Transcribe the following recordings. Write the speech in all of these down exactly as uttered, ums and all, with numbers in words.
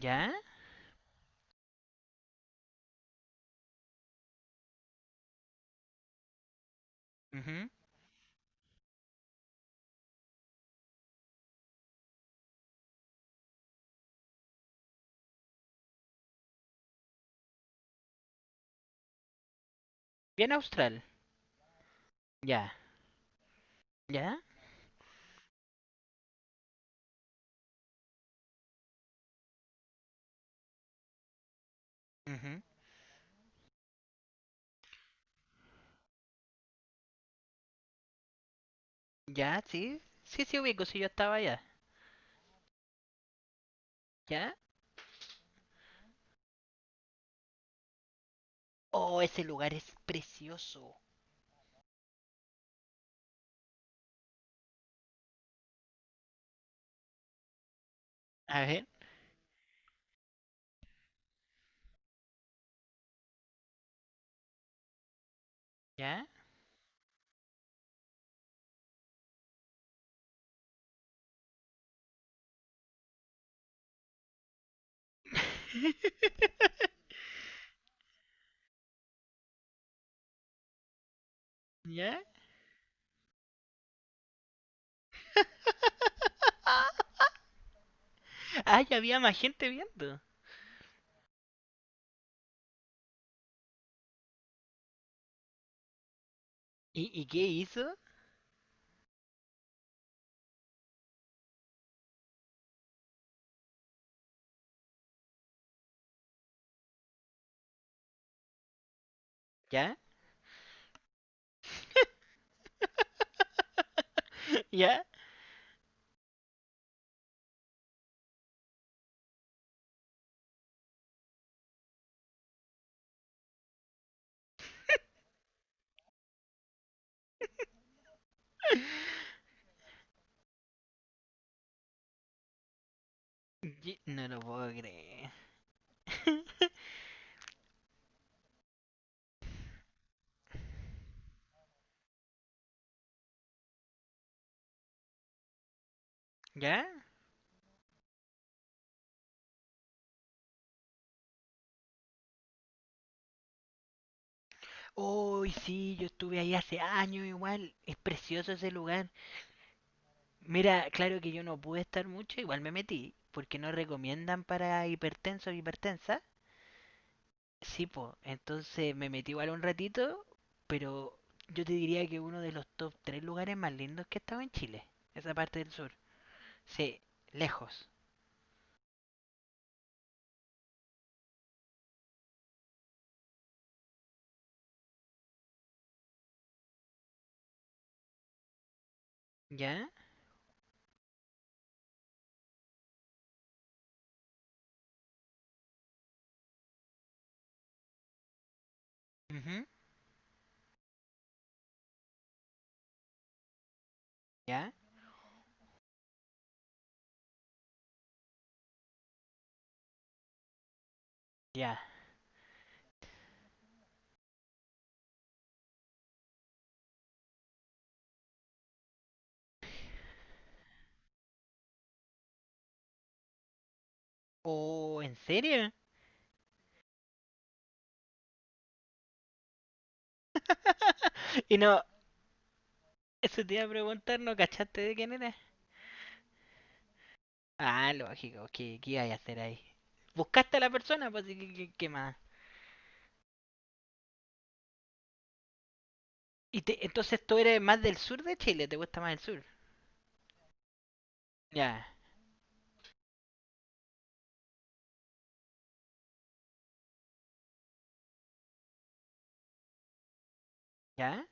¿Ya? Ujú. Bien austral. Ya. ¿Ya? Ujú. ¿Ya? Sí. Sí, sí, ubico, sí, yo estaba allá. ¿Ya? Oh, ese lugar es precioso. A ver. ¿Ya? ¿Ya? Ah, ya había más gente viendo. ¿Y, y qué hizo? ¿Ya? ¿Ya? Ye- No lo puedo creer. ¿Ya? Uy, sí, yo estuve ahí hace años igual. Es precioso ese lugar. Mira, claro que yo no pude estar mucho, igual me metí, porque no recomiendan para hipertensos o hipertensas. Sí, po, entonces me metí igual un ratito, pero yo te diría que uno de los top tres lugares más lindos que he estado en Chile, esa parte del sur. Sí, lejos. ¿Ya? Ujú, ¿Ya? ¿Ya? ¿Oh, en serio? Y no, eso te iba a preguntar, ¿no cachaste de quién era? Ah, lógico, ¿qué, qué iba a hacer ahí? Buscaste a la persona, pues, ¿qué, qué- qué más? Y te- entonces tú eres más del sur de Chile, te gusta más el sur. Ya, ya,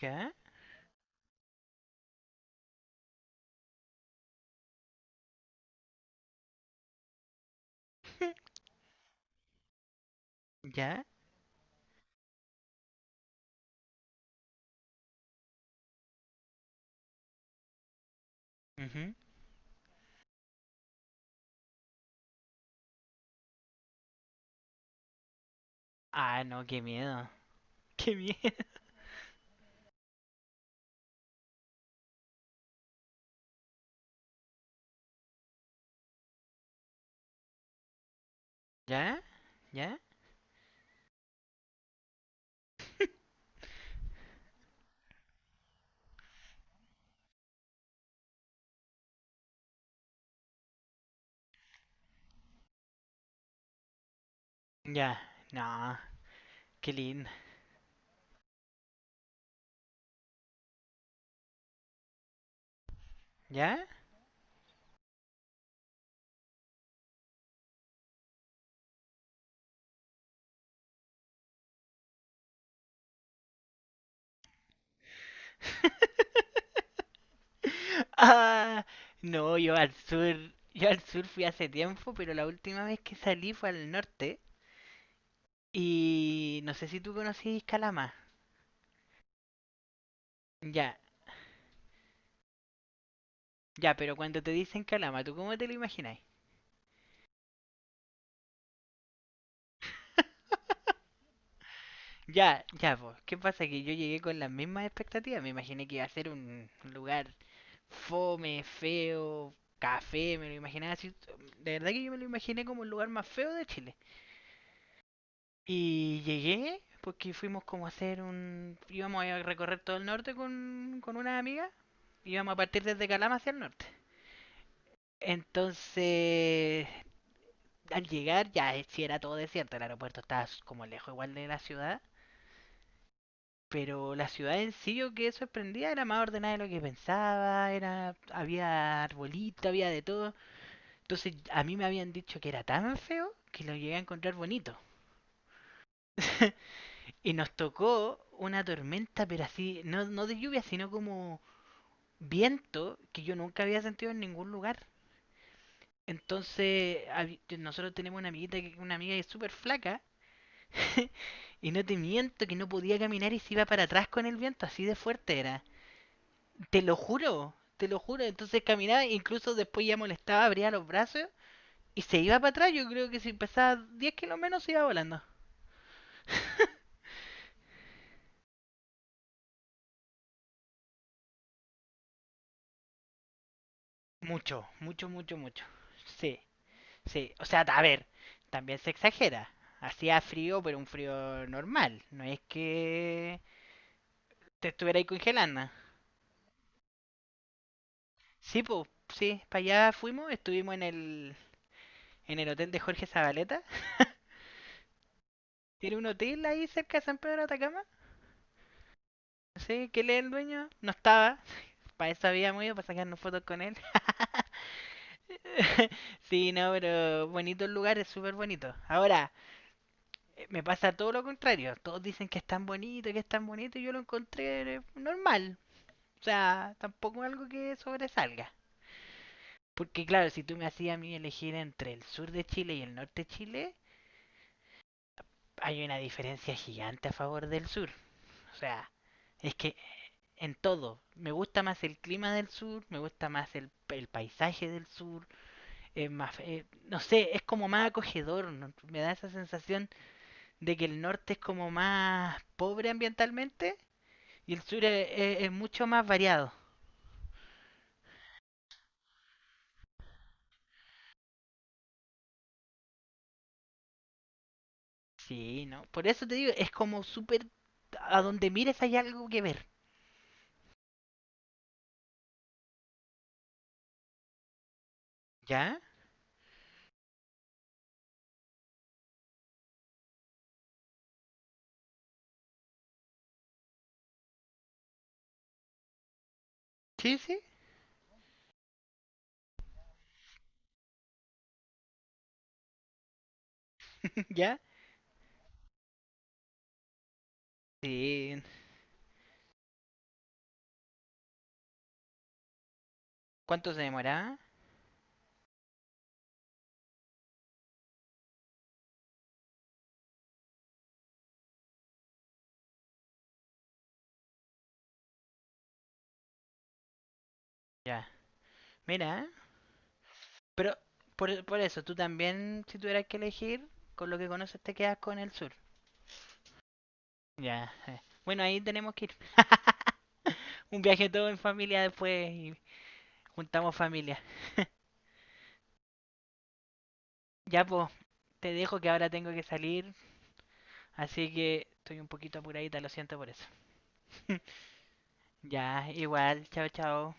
ya, ya. Ujú. Ah, no, qué miedo. Qué miedo. ¿Ya? ¿Ya? Ya. No, qué lindo. ¿Ya? Ah, no, yo al sur, yo al sur fui hace tiempo, pero la última vez que salí fue al norte. Y no sé si tú conocís Calama. Ya, ya, pero cuando te dicen Calama, ¿tú cómo te lo imagináis? Ya, ya, pues, ¿qué pasa? Que yo llegué con las mismas expectativas. Me imaginé que iba a ser un lugar fome, feo, café, me lo imaginaba así. De verdad que yo me lo imaginé como el lugar más feo de Chile. Y llegué, porque fuimos como a hacer un... íbamos a recorrer todo el norte con, con unas amigas. Íbamos a partir desde Calama hacia el norte. Entonces, al llegar ya si era todo desierto, el aeropuerto estaba como lejos igual de la ciudad. Pero la ciudad en sí yo quedé sorprendida, era más ordenada de lo que pensaba, era, había arbolito, había de todo. Entonces a mí me habían dicho que era tan feo que lo llegué a encontrar bonito. Y nos tocó una tormenta, pero así, no, no de lluvia, sino como viento que yo nunca había sentido en ningún lugar. Entonces, habi- nosotros tenemos una amiguita, que- una amiga que es súper flaca, y no te miento que no podía caminar y se iba para atrás con el viento, así de fuerte era. Te lo juro, te lo juro. Entonces caminaba, incluso después ya molestaba, abría los brazos y se iba para atrás. Yo creo que si pesaba diez kilos menos se iba volando. Mucho, mucho, mucho, mucho. Sí, sí. O sea, a ver, también se exagera. Hacía frío, pero un frío normal. No es que te estuviera ahí congelando. Sí, pues, sí, para allá fuimos, estuvimos en el, en el hotel de Jorge Zabaleta. Tiene un hotel ahí cerca de San Pedro de Atacama. Sí, que él es el dueño. No estaba. Para eso habíamos ido, para sacarnos fotos con él. Sí, no, pero bonito el lugar, es súper bonito. Ahora, eh, me pasa todo lo contrario. Todos dicen que es tan bonito, que es tan bonito, y yo lo encontré eh, normal. O sea, tampoco algo que sobresalga. Porque claro, si tú me hacías a mí elegir entre el sur de Chile y el norte de Chile, hay una diferencia gigante a favor del sur. O sea, es que en todo. Me gusta más el clima del sur, me gusta más el, el paisaje del sur, es más, eh, no sé, es como más acogedor, ¿no? Me da esa sensación de que el norte es como más pobre ambientalmente y el sur es, es- es mucho más variado. Sí, ¿no? Por eso te digo, es como súper, a donde mires hay algo que ver. ¿Ya? Sí, sí, ya. Sí. ¿Cuánto se demoraba? Ya. Mira. Pero por, por eso, tú también, si tuvieras que elegir, con lo que conoces te quedas con el sur. Ya. eh. Bueno, ahí tenemos que ir. Un viaje todo en familia después y juntamos familia. Ya, pues, te dejo que ahora tengo que salir, así que estoy un poquito apuradita, lo siento por eso. Ya, igual, chao, chao.